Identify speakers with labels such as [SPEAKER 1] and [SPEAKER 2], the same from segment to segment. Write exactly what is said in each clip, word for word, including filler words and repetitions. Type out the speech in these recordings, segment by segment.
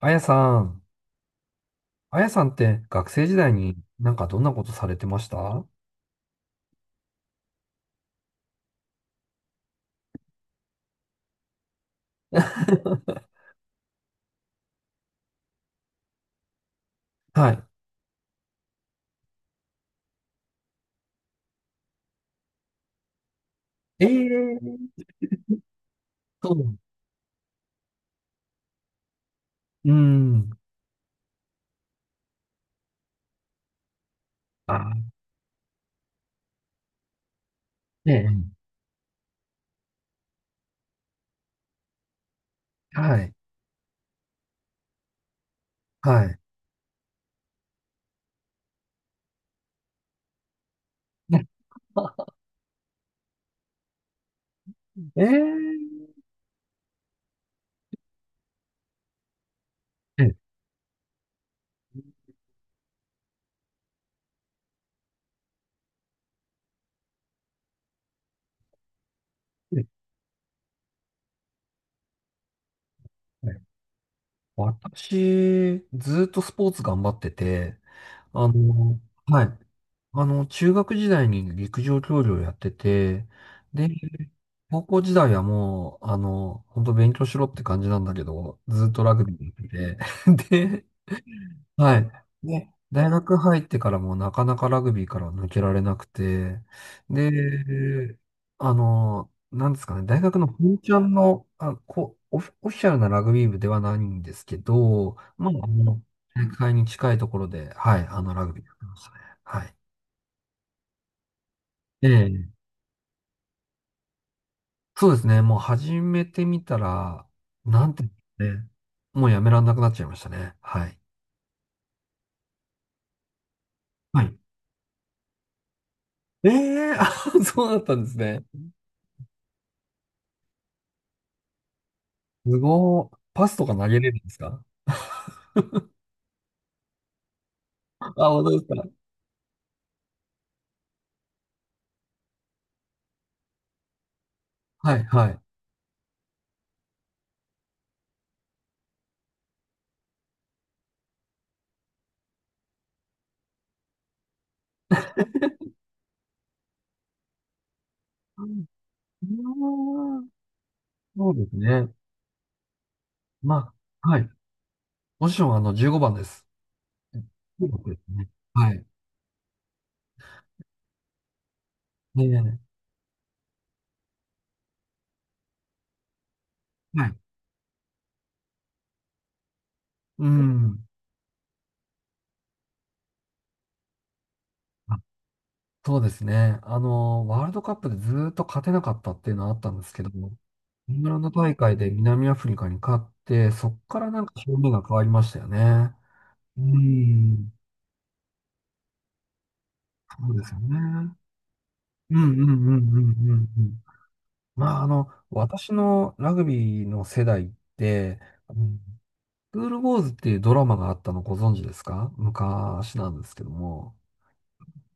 [SPEAKER 1] あやさん、あやさんって学生時代になんかどんなことされてました？ はい。ええー。そう。うん。あ、ええ、はい、はい。ねえーえええはい、私、ずーっとスポーツ頑張ってて、あの、はい。あの、中学時代に陸上競技をやってて、で、高校時代はもう、あの、本当勉強しろって感じなんだけど、ずーっとラグビーやってて、で、はい。で、大学入ってからもなかなかラグビーからは抜けられなくて、で、あの、なんですかね、大学の本ちゃんの、あ、こう、オフ、オフィシャルなラグビー部ではないんですけど、まあ、あの、大会に近いところで、はい、あの、ラグビーやってましたね。はい。ええ、そうですね、もう始めてみたら、なんていうんですかね、もうやめらんなくなっちゃいましたね。はい。はい。ええ、あ、そうだったんですね。すごー。パスとか投げれるんですか？あ、本当ですか？はい、はい。うんうん、そうですね。まあ、はい。もちろん、あの、じゅうごばんです。じゅうごですね。はい。ねえねえ、はい。うん。あ、そうですね。あの、ワールドカップでずーっと勝てなかったっていうのはあったんですけども、イングランド大会で南アフリカに勝って、そっからなんか表面が変わりましたよね。うん。そうですよね。うんうんうんうんうんうん。まあ、あの、私のラグビーの世代って、うん、スクールウォーズっていうドラマがあったのご存知ですか？昔なんですけども。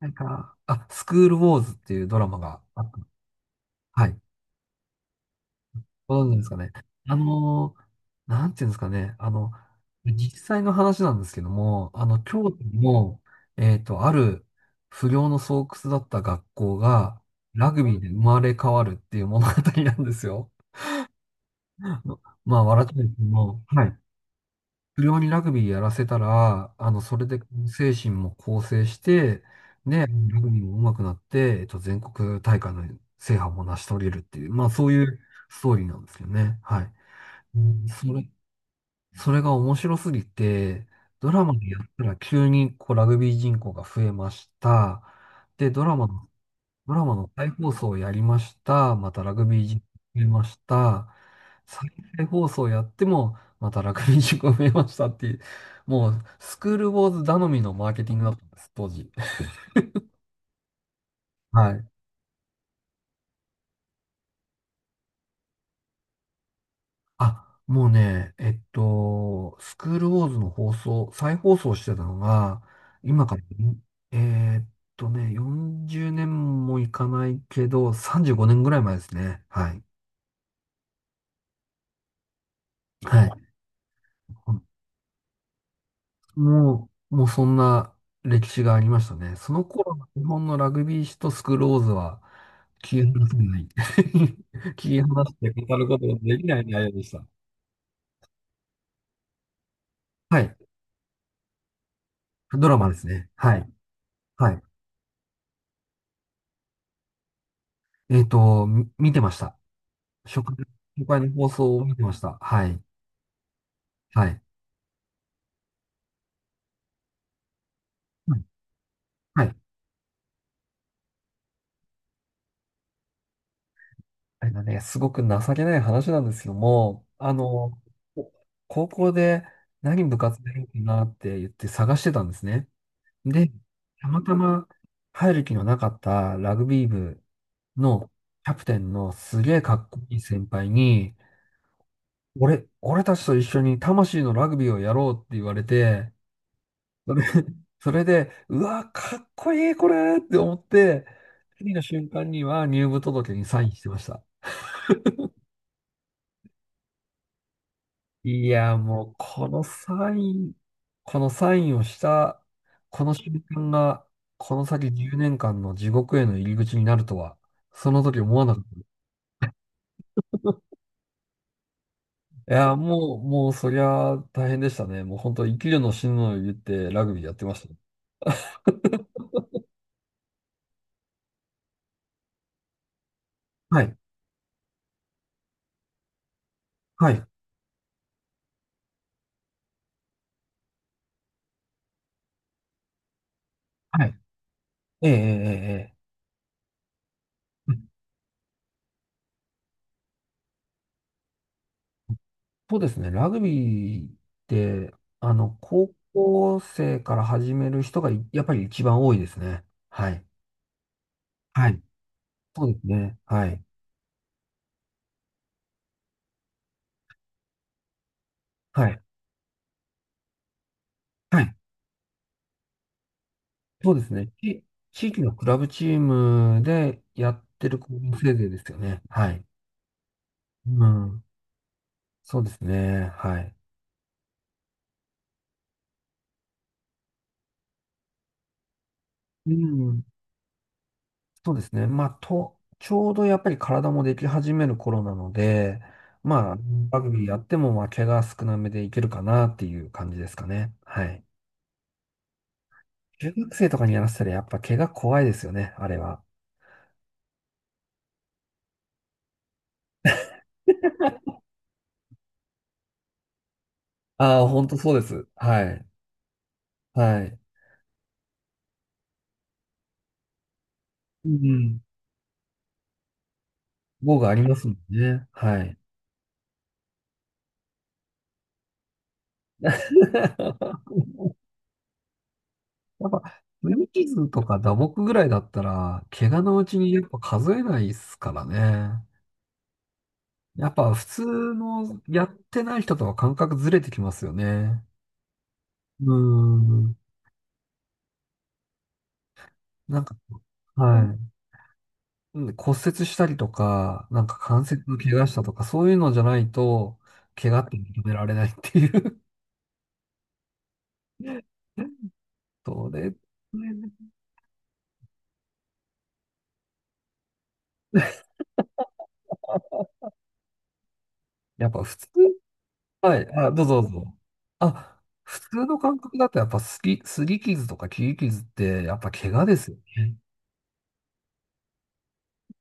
[SPEAKER 1] なんか、あ、スクールウォーズっていうドラマがあった。はい。ご存知ですかね。あのー、なんていうんですかね。あの、実際の話なんですけども、あの、京都の、えっと、ある不良の巣窟だった学校が、ラグビーで生まれ変わるっていう物語なんですよ。あのまあ、笑っちゃうんですけども、はい。不良にラグビーやらせたら、あの、それで精神も構成して、ね、ラグビーも上手くなって、えっと、全国大会の制覇も成し遂げるっていう、まあそういうストーリーなんですよね。はい。うん、それ、それが面白すぎて、ドラマでやったら急にこうラグビー人口が増えました。で、ドラマのドラマの再放送をやりました。またラグビー人口増えました。再再放送やっても、またラグビー人口増えましたっていう、もうスクールウォーズ頼みのマーケティングだったんです、当時。はい。あ、もうね、えっと、スクールウォーズの放送、再放送してたのが、今から、えーっとね、よんじゅうねんもいかないけど、さんじゅうごねんぐらい前ですね。はい。はい。もう、もうそんな歴史がありましたね。その頃の日本のラグビー史とスクローズは、切り離せない。切り離して語ることができない内容でした。はい。ドラマですね。はい。はい。えっと、み見てました。初回、初回の放送を見てました。はい。はい。はい。はい、あれだね、すごく情けない話なんですけども、あの、お高校で何部活やろうかなって言って探してたんですね。で、たまたま入る気のなかったラグビー部のキャプテンのすげえかっこいい先輩に、俺、俺たちと一緒に魂のラグビーをやろうって言われて、それ、それで、うわ、かっこいいこれって思って、次の瞬間には入部届にサインしてました。いや、もうこのサイン、このサインをした、この瞬間が、この先じゅうねんかんの地獄への入り口になるとは、その時思わなかった。いや、もう、もう、そりゃ大変でしたね。もう本当、生きるの死ぬのを言ってラグビーやってましたね。はい、はい、はい。ええ、ええ、ええ。うん、そうですね。ラグビーって、あの、高校生から始める人がいやっぱり一番多いですね。はい。はい。そうですね。はい。はい。はい。そうですね。地地域のクラブチームでやってる子もせいぜいですよね。はい。うん。そうですね。はい。うん。そうですね。まあ、と、ちょうどやっぱり体もでき始める頃なので、まあ、ラグビーやっても、まあ、怪我少なめでいけるかなっていう感じですかね。はい。中学生とかにやらせたら、やっぱ怪我怖いですよね、あれは。ああ、本当そうです。はい。はい。うん、防具ありますもんね。はい。やっぱ、擦り傷とか打撲ぐらいだったら、怪我のうちにやっぱ数えないですからね。やっぱ普通のやってない人とは感覚ずれてきますよね。うーん。なんか、はい。うん、骨折したりとか、なんか関節の怪我したとか、そういうのじゃないと、怪我って認められないっていう。それ、それね、やっぱ普通、はい。あ、どうぞどうぞ。あ、普通の感覚だとやっぱすり、すり傷とか切り傷って、やっぱ怪我ですよね。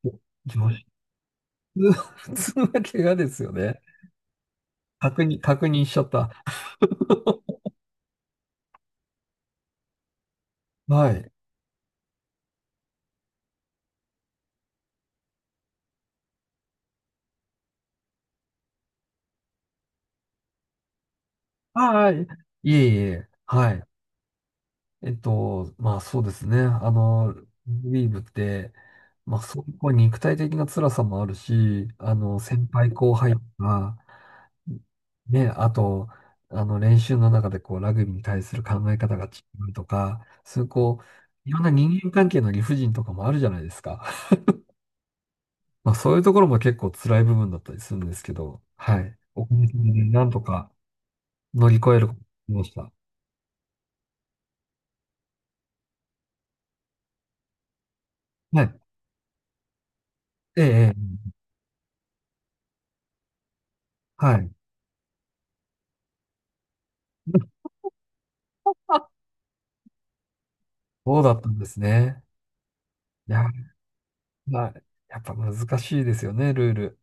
[SPEAKER 1] お気持ち。 普通は怪我ですよね。確認、確認しちゃった。はい。ああ、いえいえ、はい。えっと、まあそうですね。あの、ラグビー部って、まあそういうこう肉体的な辛さもあるし、あの、先輩後輩が、ね、あと、あの、練習の中でこう、ラグビーに対する考え方が違うとか、そういうこう、いろんな人間関係の理不尽とかもあるじゃないですか。まあそういうところも結構辛い部分だったりするんですけど、はい。おかげさまでなんとか乗り越えることができました。はい。ええ、ええ、はい。そうだったんですね。いや、まあ、やっぱ難しいですよね、ルール。